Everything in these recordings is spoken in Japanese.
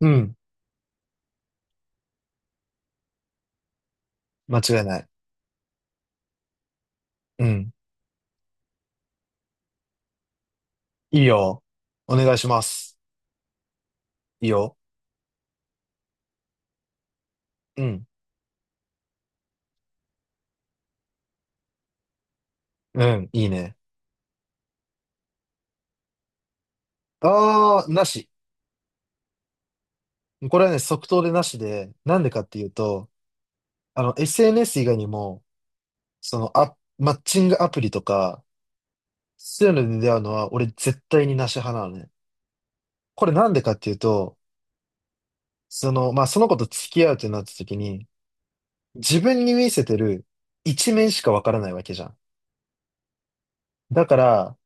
うん。間違いない。うん。いいよ。お願いします。いいよ。うん。うん。いいね。あー、なし。これはね、即答でなしで、なんでかっていうと、SNS 以外にも、マッチングアプリとか、そういうので出会うのは、俺絶対になし派なのね。これなんでかっていうと、まあ、その子と付き合うってなった時に、自分に見せてる一面しかわからないわけじゃん。だから、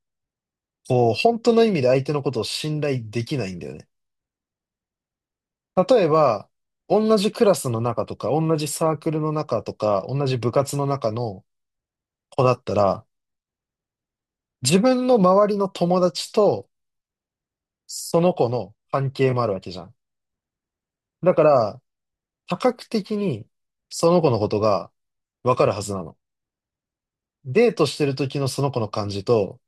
こう、本当の意味で相手のことを信頼できないんだよね。例えば、同じクラスの中とか、同じサークルの中とか、同じ部活の中の子だったら、自分の周りの友達とその子の関係もあるわけじゃん。だから、多角的にその子のことがわかるはずなの。デートしてる時のその子の感じと、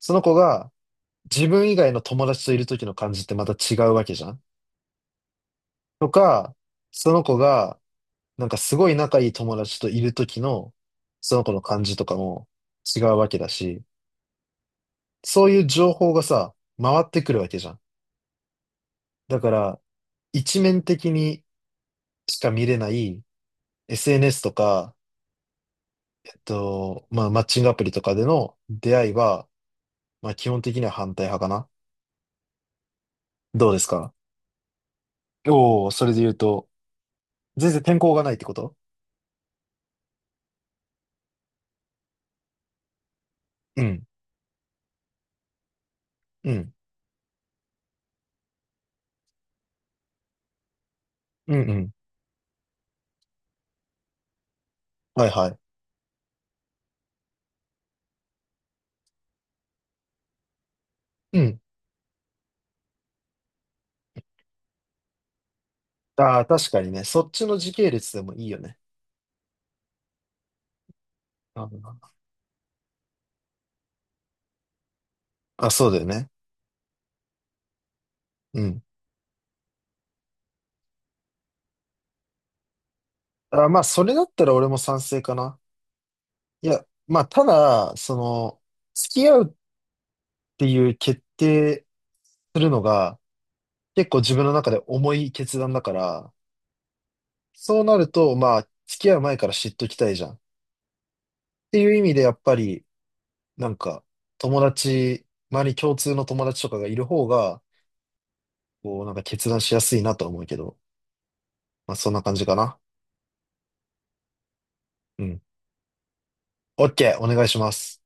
その子が自分以外の友達といる時の感じってまた違うわけじゃん。とか、その子がなんかすごい仲いい友達といる時の、その子の感じとかも違うわけだし、そういう情報がさ、回ってくるわけじゃん。だから、一面的にしか見れない SNS とか、まあ、マッチングアプリとかでの出会いは、まあ、基本的には反対派かな。どうですか？おおー、それで言うと、全然天候がないってこと？うん、うん、うん、うん。はいはい。うん。ああ、確かにね。そっちの時系列でもいいよね。あ、あそうだよね。うん。あ、まあ、それだったら俺も賛成かな。いや、まあ、ただ、付き合うっていう決定するのが、結構自分の中で重い決断だから、そうなると、まあ、付き合う前から知っときたいじゃん。っていう意味で、やっぱり、なんか、友達、周り共通の友達とかがいる方が、こう、なんか決断しやすいなとは思うけど、まあ、そんな感じかな。うん。オッケー、お願いします。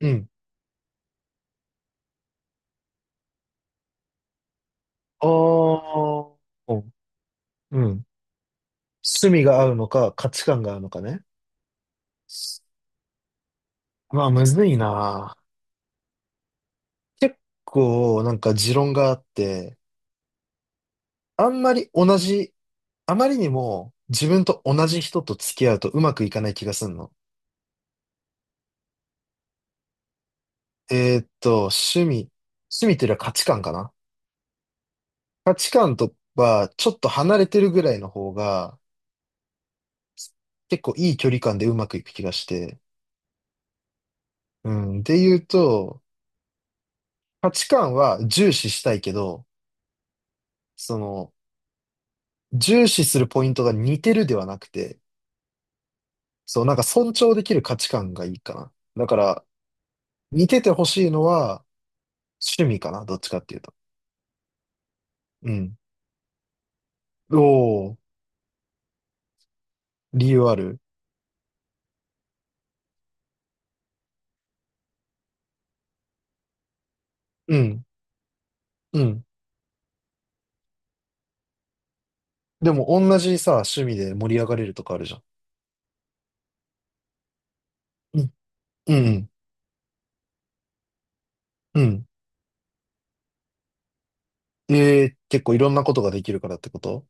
うん。おー、うん。趣味が合うのか、価値観が合うのかね。まあ、むずいな。結構、なんか持論があって、あんまり同じ、あまりにも自分と同じ人と付き合うとうまくいかない気がするの。趣味。趣味というよりは価値観かな。価値観とは、ちょっと離れてるぐらいの方が、結構いい距離感でうまくいく気がして。うん。で言うと、価値観は重視したいけど、その、重視するポイントが似てるではなくて、そう、なんか尊重できる価値観がいいかな。だから、似ててほしいのは趣味かな。どっちかっていうと。うん。おー、理由ある？うん、うん。でも、同じさ、趣味で盛り上がれるとかあるじゃん。うん、うん、うん。えー、結構いろんなことができるからってこと？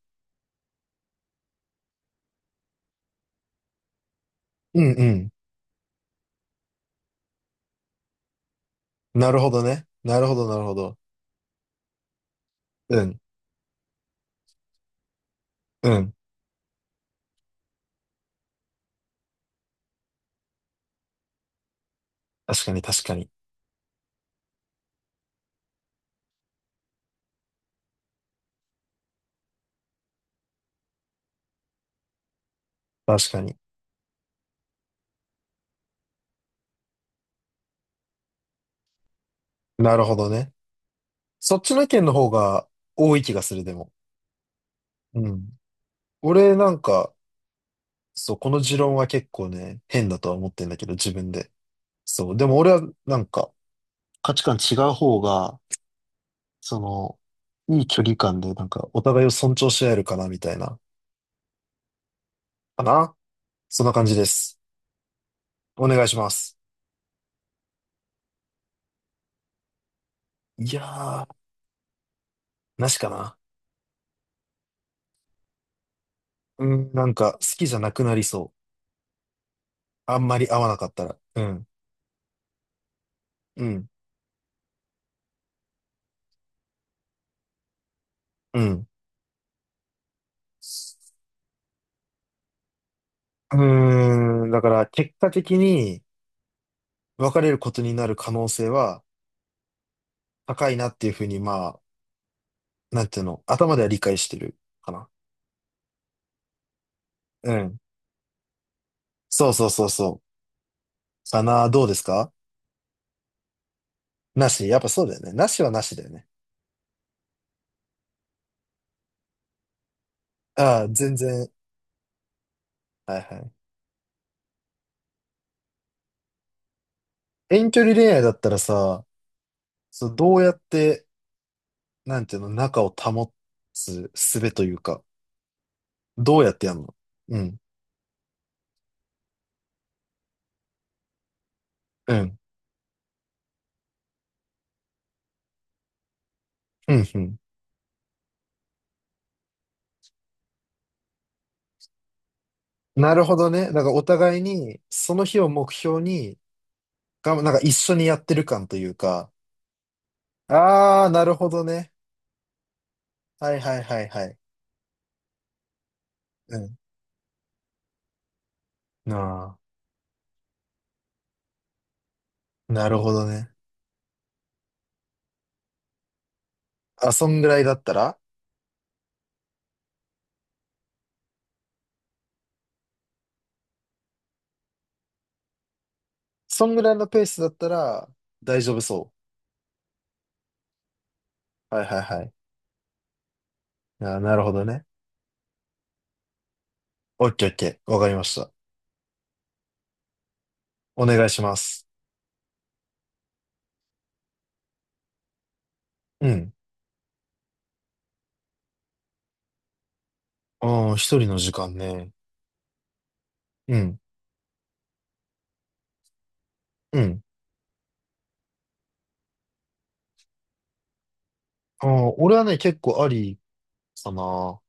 うんうん。なるほどね。なるほど、なるほど。うん、うん。確かに、確かに。確かに。なるほどね。そっちの意見の方が多い気がする、でも。うん。俺なんか、そう、この持論は結構ね、変だとは思ってんだけど、自分で。そう、でも俺はなんか、価値観違う方が、その、いい距離感で、なんか、お互いを尊重し合えるかな、みたいな。かな、そんな感じです。お願いします。いやー、なしかな。うん、なんか、好きじゃなくなりそう。あんまり合わなかったら。うん、うん、うん。うーん、だから、結果的に別れることになる可能性は高いなっていうふうに、まあ、なんていうの、頭では理解してるかな。うん。そうそうそうそう。かな、どうですか？なし、やっぱそうだよね。なしはなしだよね。ああ、全然。はいはい。遠距離恋愛だったらさ、そう、どうやって、なんていうの、仲を保つ術というか、どうやってやるの？うん、うん、うん、うん。なるほどね。だからお互いに、その日を目標に、が、なんか一緒にやってる感というか、ああ、なるほどね。はいはいはいはい。うん。ああ、なるほどね。あ、そんぐらいだったら、そんぐらいのペースだったら大丈夫そう。はいはいはい。あ、なるほどね。オッケーオッケー。わかりました。お願いします。うん。ああ、一人の時間ね。うん。うん。ああ、俺はね、結構ありかな。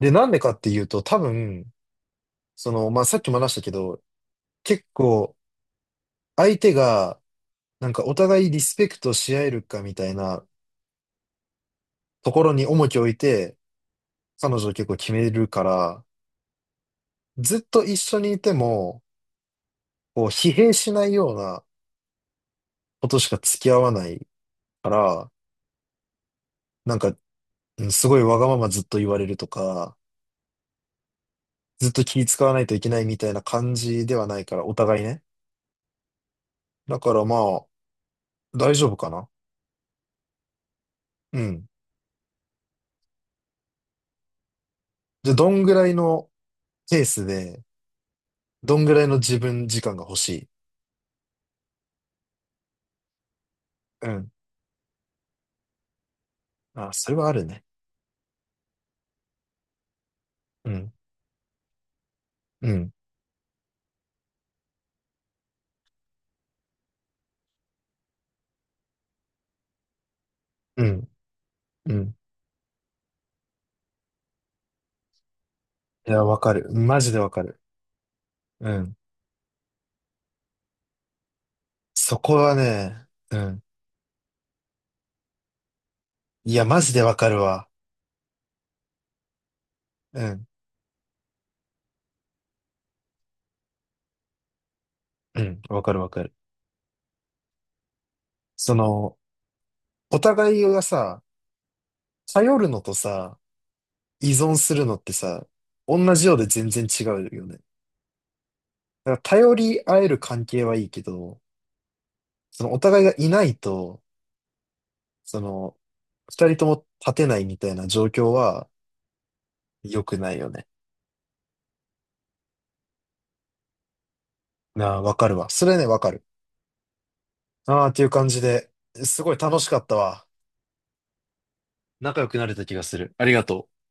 で、なんでかっていうと、多分、まあ、さっきも話したけど、結構、相手が、なんかお互いリスペクトし合えるかみたいなところに重きを置いて、彼女を結構決めるから、ずっと一緒にいても、こう、疲弊しないようなことしか付き合わないから、なんか、うんすごいわがままずっと言われるとか、ずっと気使わないといけないみたいな感じではないから、お互いね。だからまあ、大丈夫かな。うん。じゃあ、どんぐらいのペースで、どんぐらいの自分時間が欲しい？うん。あ、それはあるね。うん。うん。うん。うん。いや、わかる。マジでわかる。うん。そこはね、うん。いや、マジでわかるわ。うん。うん。わかるわかる。その、お互いがさ、頼るのとさ、依存するのってさ、同じようで全然違うよね。だから頼り合える関係はいいけど、そのお互いがいないと、その、二人とも立てないみたいな状況は良くないよね。なあ、わかるわ。それね、わかる。ああ、っていう感じで、すごい楽しかったわ。仲良くなれた気がする。ありがとう。